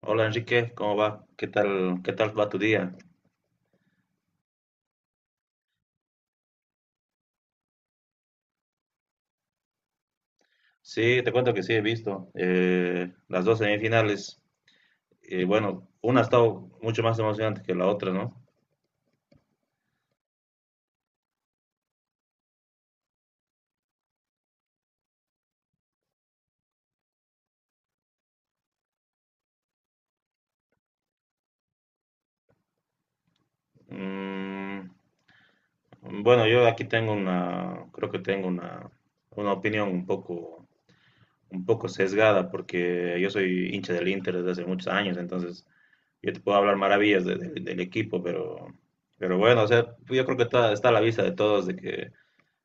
Hola Enrique, ¿cómo va? Qué tal va tu día? Sí, te cuento que sí he visto las dos semifinales. Y bueno, una ha estado mucho más emocionante que la otra, ¿no? Mm, bueno, yo aquí tengo una, creo que tengo una opinión un poco sesgada porque yo soy hincha del Inter desde hace muchos años, entonces yo te puedo hablar maravillas del equipo, pero bueno, o sea, yo creo que está a la vista de todos de que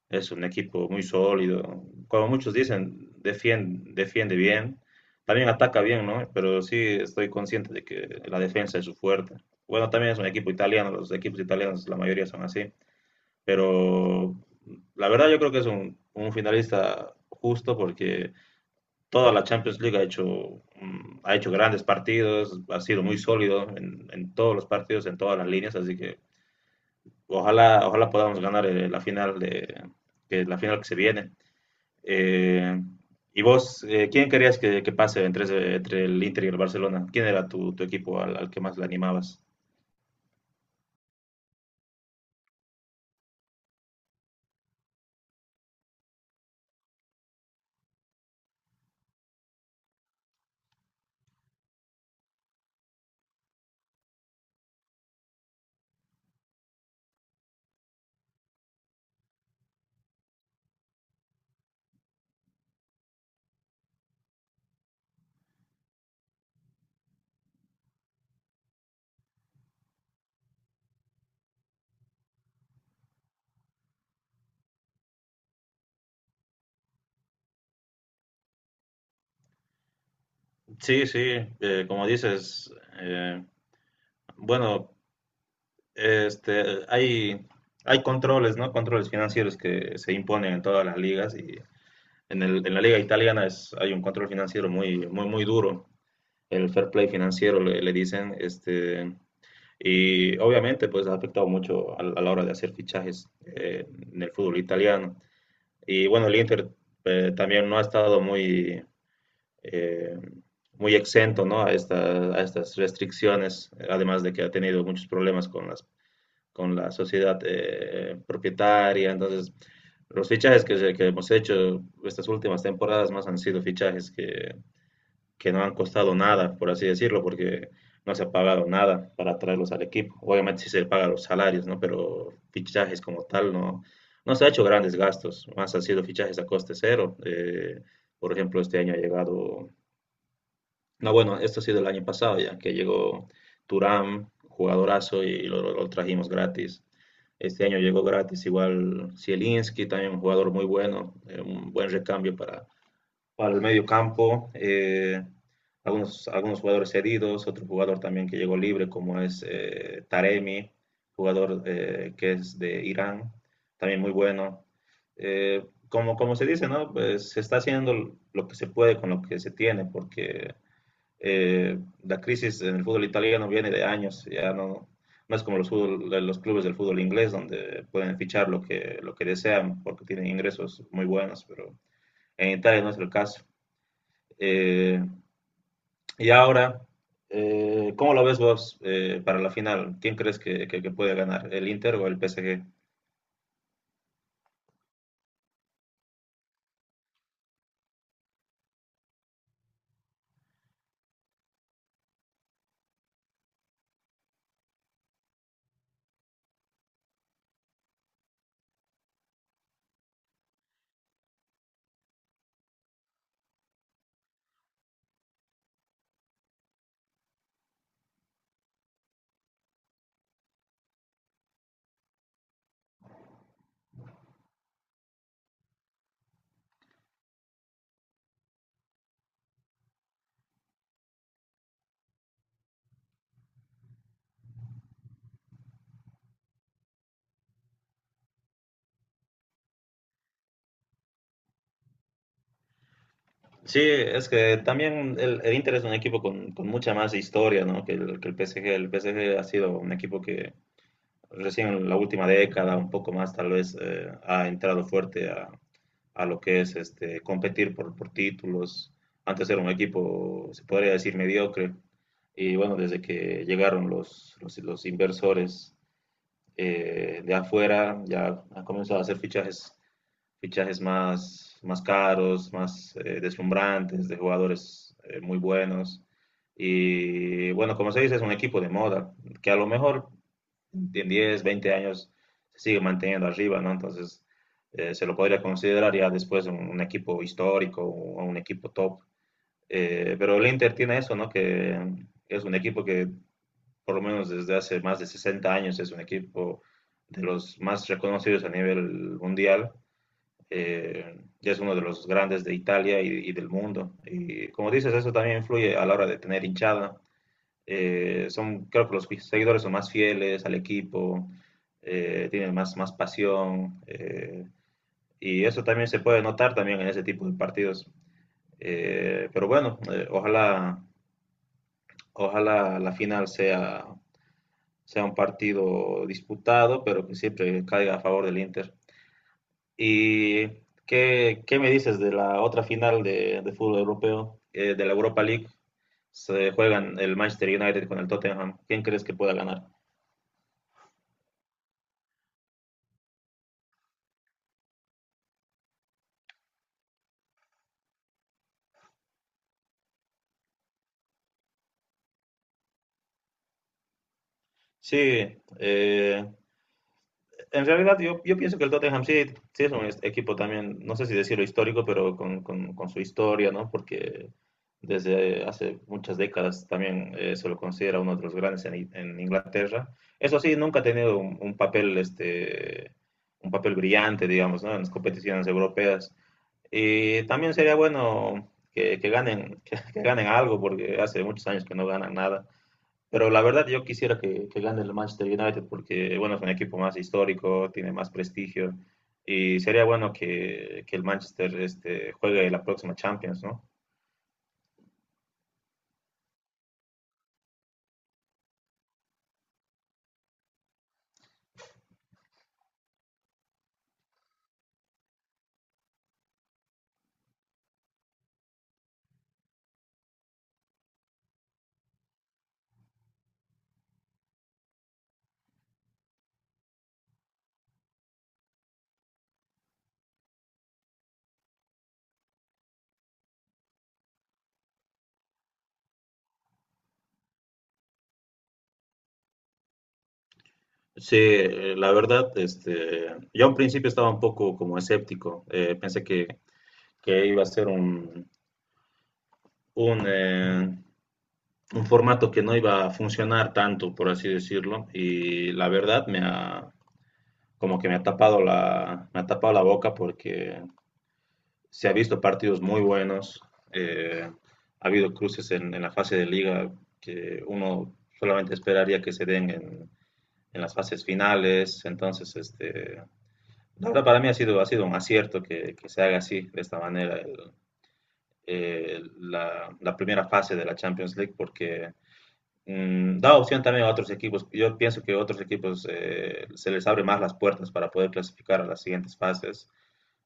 es un equipo muy sólido. Como muchos dicen, defiende, defiende bien. También ataca bien, ¿no? Pero sí estoy consciente de que la defensa es su fuerte. Bueno, también es un equipo italiano. Los equipos italianos, la mayoría son así. Pero la verdad yo creo que es un finalista justo porque toda la Champions League ha hecho grandes partidos, ha sido muy sólido en todos los partidos, en todas las líneas, así que ojalá podamos ganar la final de que es la final que se viene. Eh, ¿y vos, quién querías que pase entre el Inter y el Barcelona? ¿Quién era tu equipo al que más le animabas? Sí, sí, como dices, eh, bueno, este, hay, hay controles, ¿no? Controles financieros que se imponen en todas las ligas y en la liga italiana hay un control financiero muy, muy, muy duro. El fair play financiero le dicen, y obviamente pues ha afectado mucho a la hora de hacer fichajes en el fútbol italiano. Y bueno, el Inter también no ha estado eh, muy exento, ¿no? A estas restricciones, además de que ha tenido muchos problemas con la sociedad propietaria. Entonces, los fichajes que hemos hecho estas últimas temporadas más han sido fichajes que no han costado nada, por así decirlo, porque no se ha pagado nada para traerlos al equipo. Obviamente sí se pagan los salarios, ¿no? Pero fichajes como tal no, no se ha hecho grandes gastos, más han sido fichajes a coste cero. Por ejemplo, este año ha llegado, no, bueno, esto ha sido el año pasado ya, que llegó Turam, jugadorazo, y lo trajimos gratis. Este año llegó gratis igual Zielinski, también un jugador muy bueno, un buen recambio para el medio campo, algunos jugadores cedidos, otro jugador también que llegó libre como es Taremi, jugador que es de Irán, también muy bueno. Como, como se dice, ¿no? Pues se está haciendo lo que se puede con lo que se tiene, porque eh, la crisis en el fútbol italiano viene de años, ya no. No es como los clubes del fútbol inglés, donde pueden fichar lo que desean porque tienen ingresos muy buenos, pero en Italia no es el caso. Eh, y ahora, ¿cómo lo ves vos para la final? ¿Quién crees que puede ganar, el Inter o el PSG? Sí, es que también el Inter es un equipo con mucha más historia, ¿no? que el PSG. El PSG ha sido un equipo que recién en la última década, un poco más tal vez, ha entrado fuerte a lo que es competir por títulos. Antes era un equipo, se podría decir, mediocre. Y bueno, desde que llegaron los inversores de afuera ya ha comenzado a hacer fichajes, fichajes más caros, más deslumbrantes, de jugadores muy buenos. Y bueno, como se dice, es un equipo de moda, que a lo mejor en 10 20 años se sigue manteniendo arriba, ¿no? Entonces se lo podría considerar ya después un, equipo histórico o un equipo top. Pero el Inter tiene eso, ¿no? Que es un equipo que por lo menos desde hace más de 60 años, es un equipo de los más reconocidos a nivel mundial. Ya es uno de los grandes de Italia del mundo. Y como dices, eso también influye a la hora de tener hinchada. Creo que los seguidores son más fieles al equipo, tienen más pasión. Y eso también se puede notar también en ese tipo de partidos. Pero bueno, ojalá la final sea un partido disputado, pero que siempre caiga a favor del Inter. ¿Y qué me dices de la otra final de fútbol europeo, de la Europa League? Se juegan el Manchester United con el Tottenham. ¿Quién crees que pueda ganar? Sí, eh, en realidad, yo pienso que el Tottenham sí, sí es un equipo también, no sé si decirlo histórico, pero con su historia, ¿no? Porque desde hace muchas décadas también se lo considera uno de los grandes en Inglaterra. Eso sí, nunca ha tenido un papel, un papel brillante, digamos, ¿no? En las competiciones europeas. Y también sería bueno que ganen, que ganen algo, porque hace muchos años que no ganan nada. Pero la verdad yo quisiera que gane el Manchester United porque, bueno, es un equipo más histórico, tiene más prestigio y sería bueno que el Manchester juegue la próxima Champions, ¿no? Sí, la verdad, yo al principio estaba un poco como escéptico, pensé que iba a ser un, eh, un formato que no iba a funcionar tanto, por así decirlo, y la verdad como que me ha tapado la boca porque se ha visto partidos muy buenos, eh, ha habido cruces en la fase de liga que uno solamente esperaría que se den en las fases finales. Entonces, la verdad para mí ha sido un acierto que se haga así, de esta manera, la primera fase de la Champions League, porque da opción también a otros equipos. Yo pienso que a otros equipos se les abre más las puertas para poder clasificar a las siguientes fases.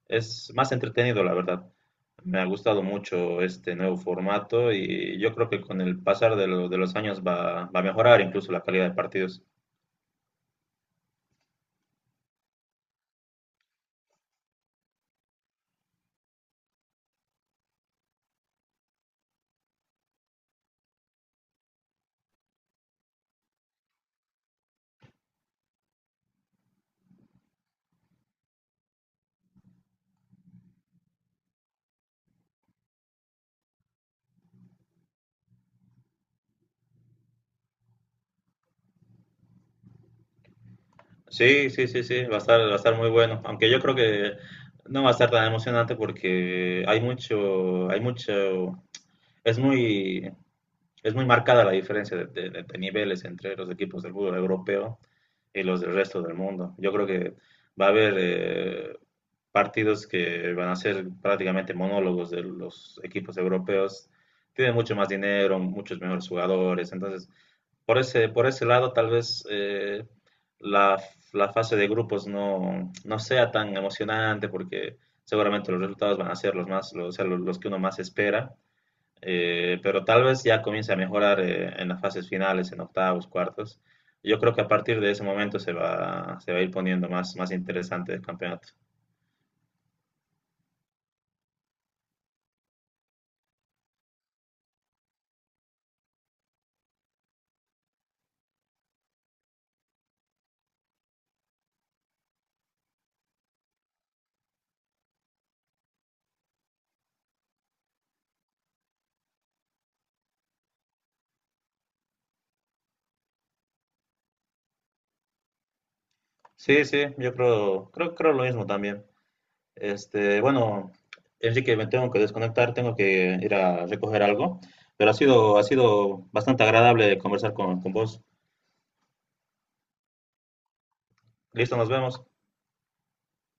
Es más entretenido, la verdad. Me ha gustado mucho este nuevo formato y yo creo que con el pasar de los años va a mejorar incluso la calidad de partidos. Sí, sí, sí, sí, va a estar muy bueno, aunque yo creo que no va a estar tan emocionante porque es muy, es muy marcada la diferencia de niveles entre los equipos del fútbol europeo y los del resto del mundo. Yo creo que va a haber, partidos que van a ser prácticamente monólogos de los equipos europeos. Tienen mucho más dinero, muchos mejores jugadores. Entonces, por ese lado, tal vez la, fase de grupos no sea tan emocionante porque seguramente los resultados van a ser los, o sea, los que uno más espera. Pero tal vez ya comience a mejorar en las fases finales, en octavos, cuartos. Yo creo que a partir de ese momento se va a ir poniendo más interesante el campeonato. Sí, sí, yo creo lo mismo también. Bueno, Enrique, me tengo que desconectar, tengo que ir a recoger algo, pero ha sido bastante agradable conversar con vos. Listo, nos vemos.